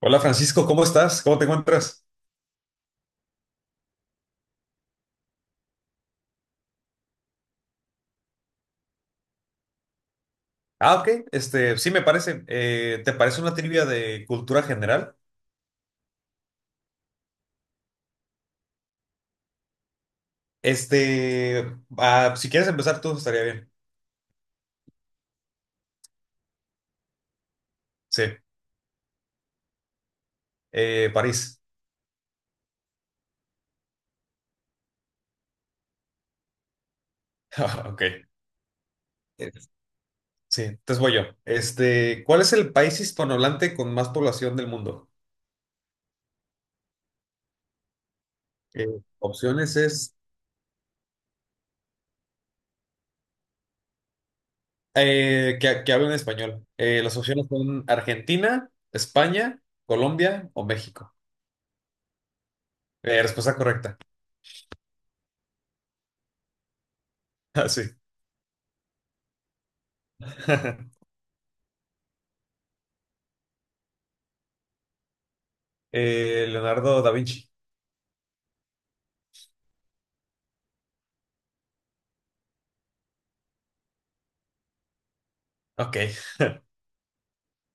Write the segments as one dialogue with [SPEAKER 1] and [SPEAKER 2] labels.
[SPEAKER 1] Hola Francisco, ¿cómo estás? ¿Cómo te encuentras? Ah, ok, este, sí me parece. ¿Te parece una trivia de cultura general? Este, ah, si quieres empezar tú, estaría bien. Sí. París. Ok. Eh, Sí, entonces voy yo. Este, ¿cuál es el país hispanohablante con más población del mundo? Eh, opciones es que hablen español. Las opciones son Argentina, España, Colombia o México. Respuesta correcta. Ah, sí. Leonardo da Vinci. Ok.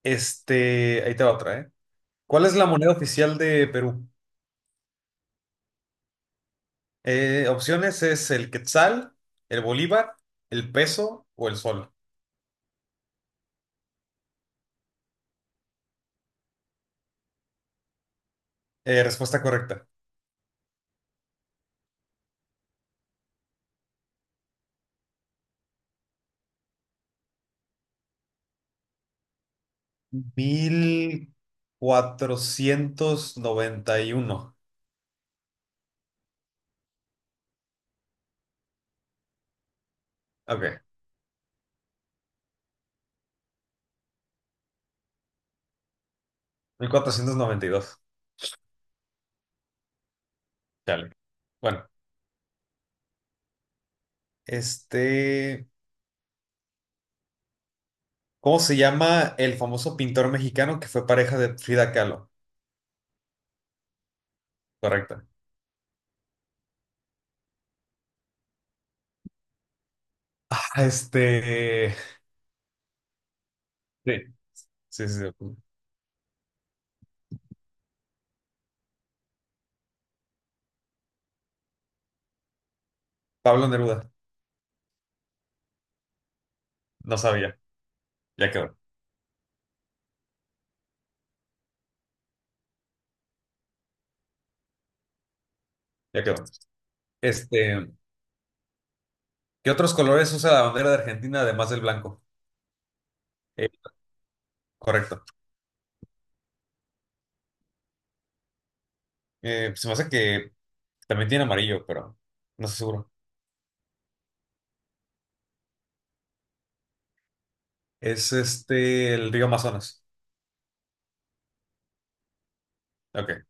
[SPEAKER 1] Este, ahí te va otra, ¿eh? ¿Cuál es la moneda oficial de Perú? Opciones es el quetzal, el bolívar, el peso o el sol. Respuesta correcta. 1491. Ok. 1492. Dale. Bueno, este, ¿cómo se llama el famoso pintor mexicano que fue pareja de Frida Kahlo? Correcta. Ah, este. Sí. Sí, sí, sí. Pablo Neruda. No sabía. Ya quedó. Ya quedó. Este, ¿qué otros colores usa la bandera de Argentina además del blanco? Eh, correcto. Se me hace que también tiene amarillo, pero no estoy seguro. Es este, el río Amazonas. Ok.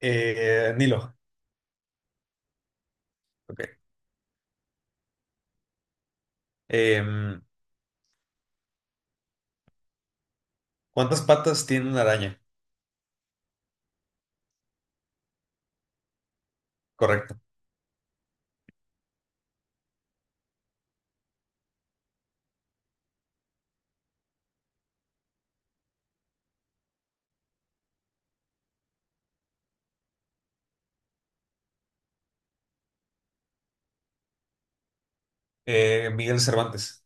[SPEAKER 1] Nilo. Ok. Em, ¿cuántas patas tiene una araña? Correcto. Miguel Cervantes.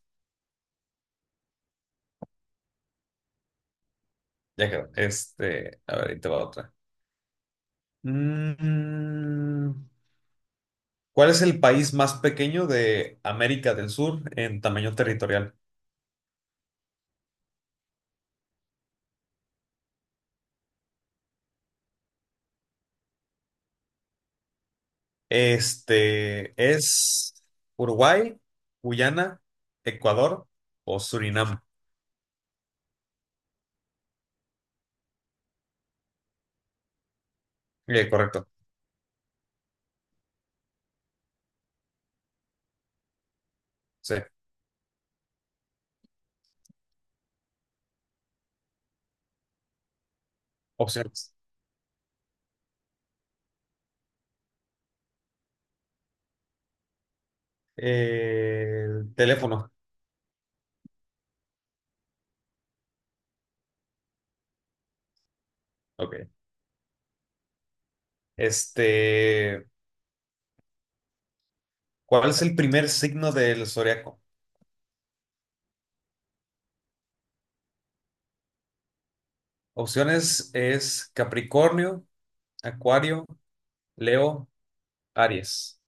[SPEAKER 1] Ya quedó. Este, a ver, ahí te va otra. Mm, ¿Cuál es el país más pequeño de América del Sur en tamaño territorial? Este es Uruguay, Guyana, Ecuador o Surinam. Correcto. Sí, opciones. El teléfono. Ok. Este, ¿cuál es el primer signo del zodiaco? Opciones es Capricornio, Acuario, Leo, Aries.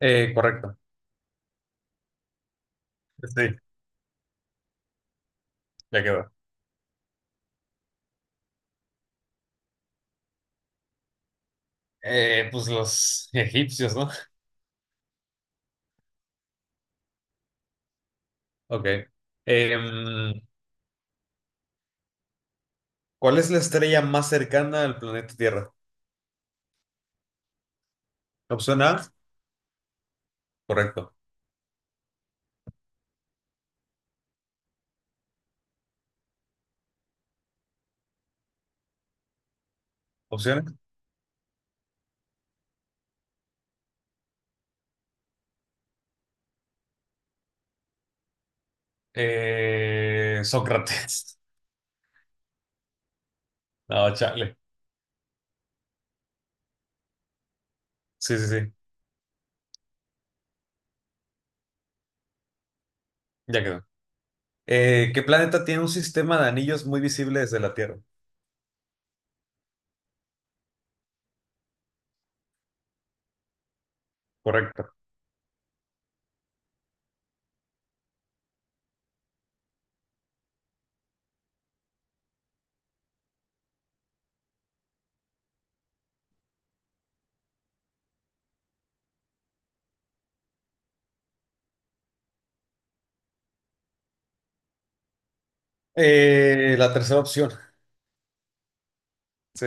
[SPEAKER 1] Correcto. Sí, ya quedó. Pues los egipcios, ¿no? Ok. Em, ¿cuál es la estrella más cercana al planeta Tierra? Opción A, correcto. Opciones. Sócrates. No, chale. Sí, sí, sí. Ya quedó. ¿Qué planeta tiene un sistema de anillos muy visible desde la Tierra? Correcto. La tercera opción. Sí,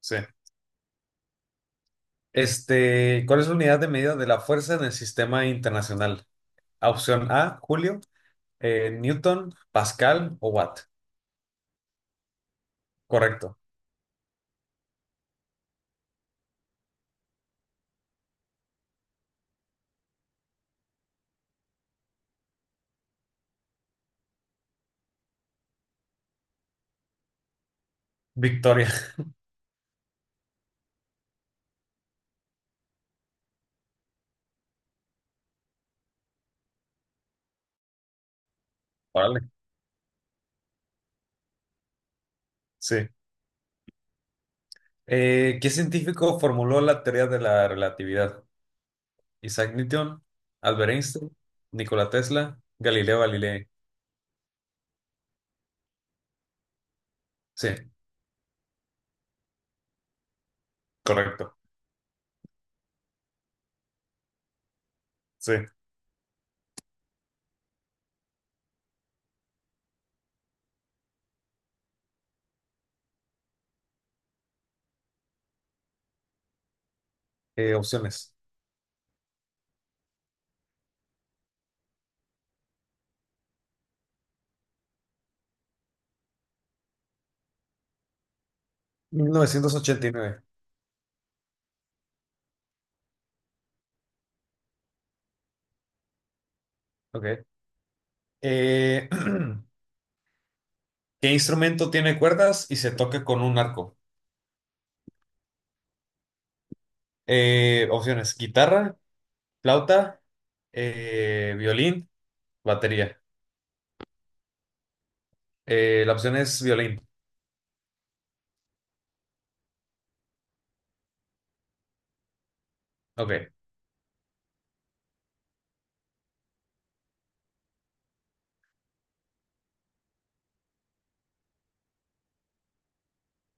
[SPEAKER 1] sí. Este, ¿cuál es la unidad de medida de la fuerza en el sistema internacional? Opción A, Julio, Newton, Pascal o Watt. Correcto. Victoria. Órale. Sí. ¿Qué científico formuló la teoría de la relatividad? Isaac Newton, Albert Einstein, Nikola Tesla, Galileo Galilei. Sí, correcto. Sí. Opciones. 1989. Ok. Eh, ¿Qué instrumento tiene cuerdas y se toca con un arco? Opciones. Guitarra, flauta, violín, batería. La opción es violín. Ok.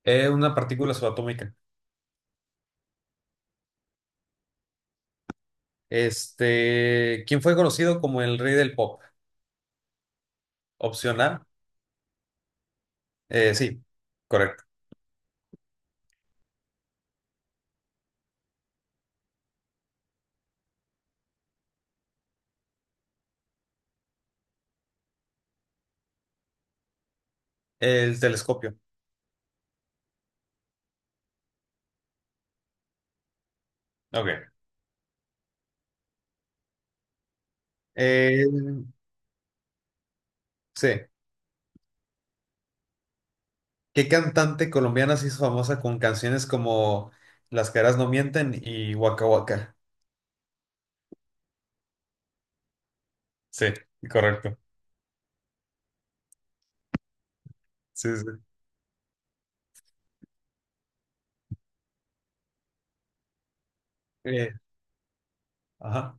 [SPEAKER 1] Una partícula subatómica. Este, ¿quién fue conocido como el rey del pop? Opción A. Sí, correcto. El telescopio. Ok. Eh, sí. ¿Qué cantante colombiana se hizo famosa con canciones como Las caras no mienten y Waka Waka? Sí, correcto. Sí, sí. Eh, ajá.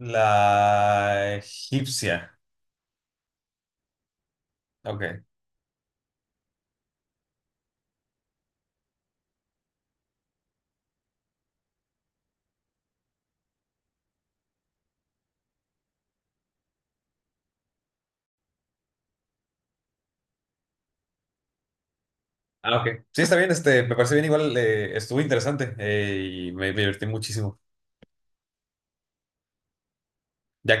[SPEAKER 1] La egipcia. Ok. Ah, ok. Sí, está bien. Este, me parece bien igual. Estuvo interesante y me divertí muchísimo. Ya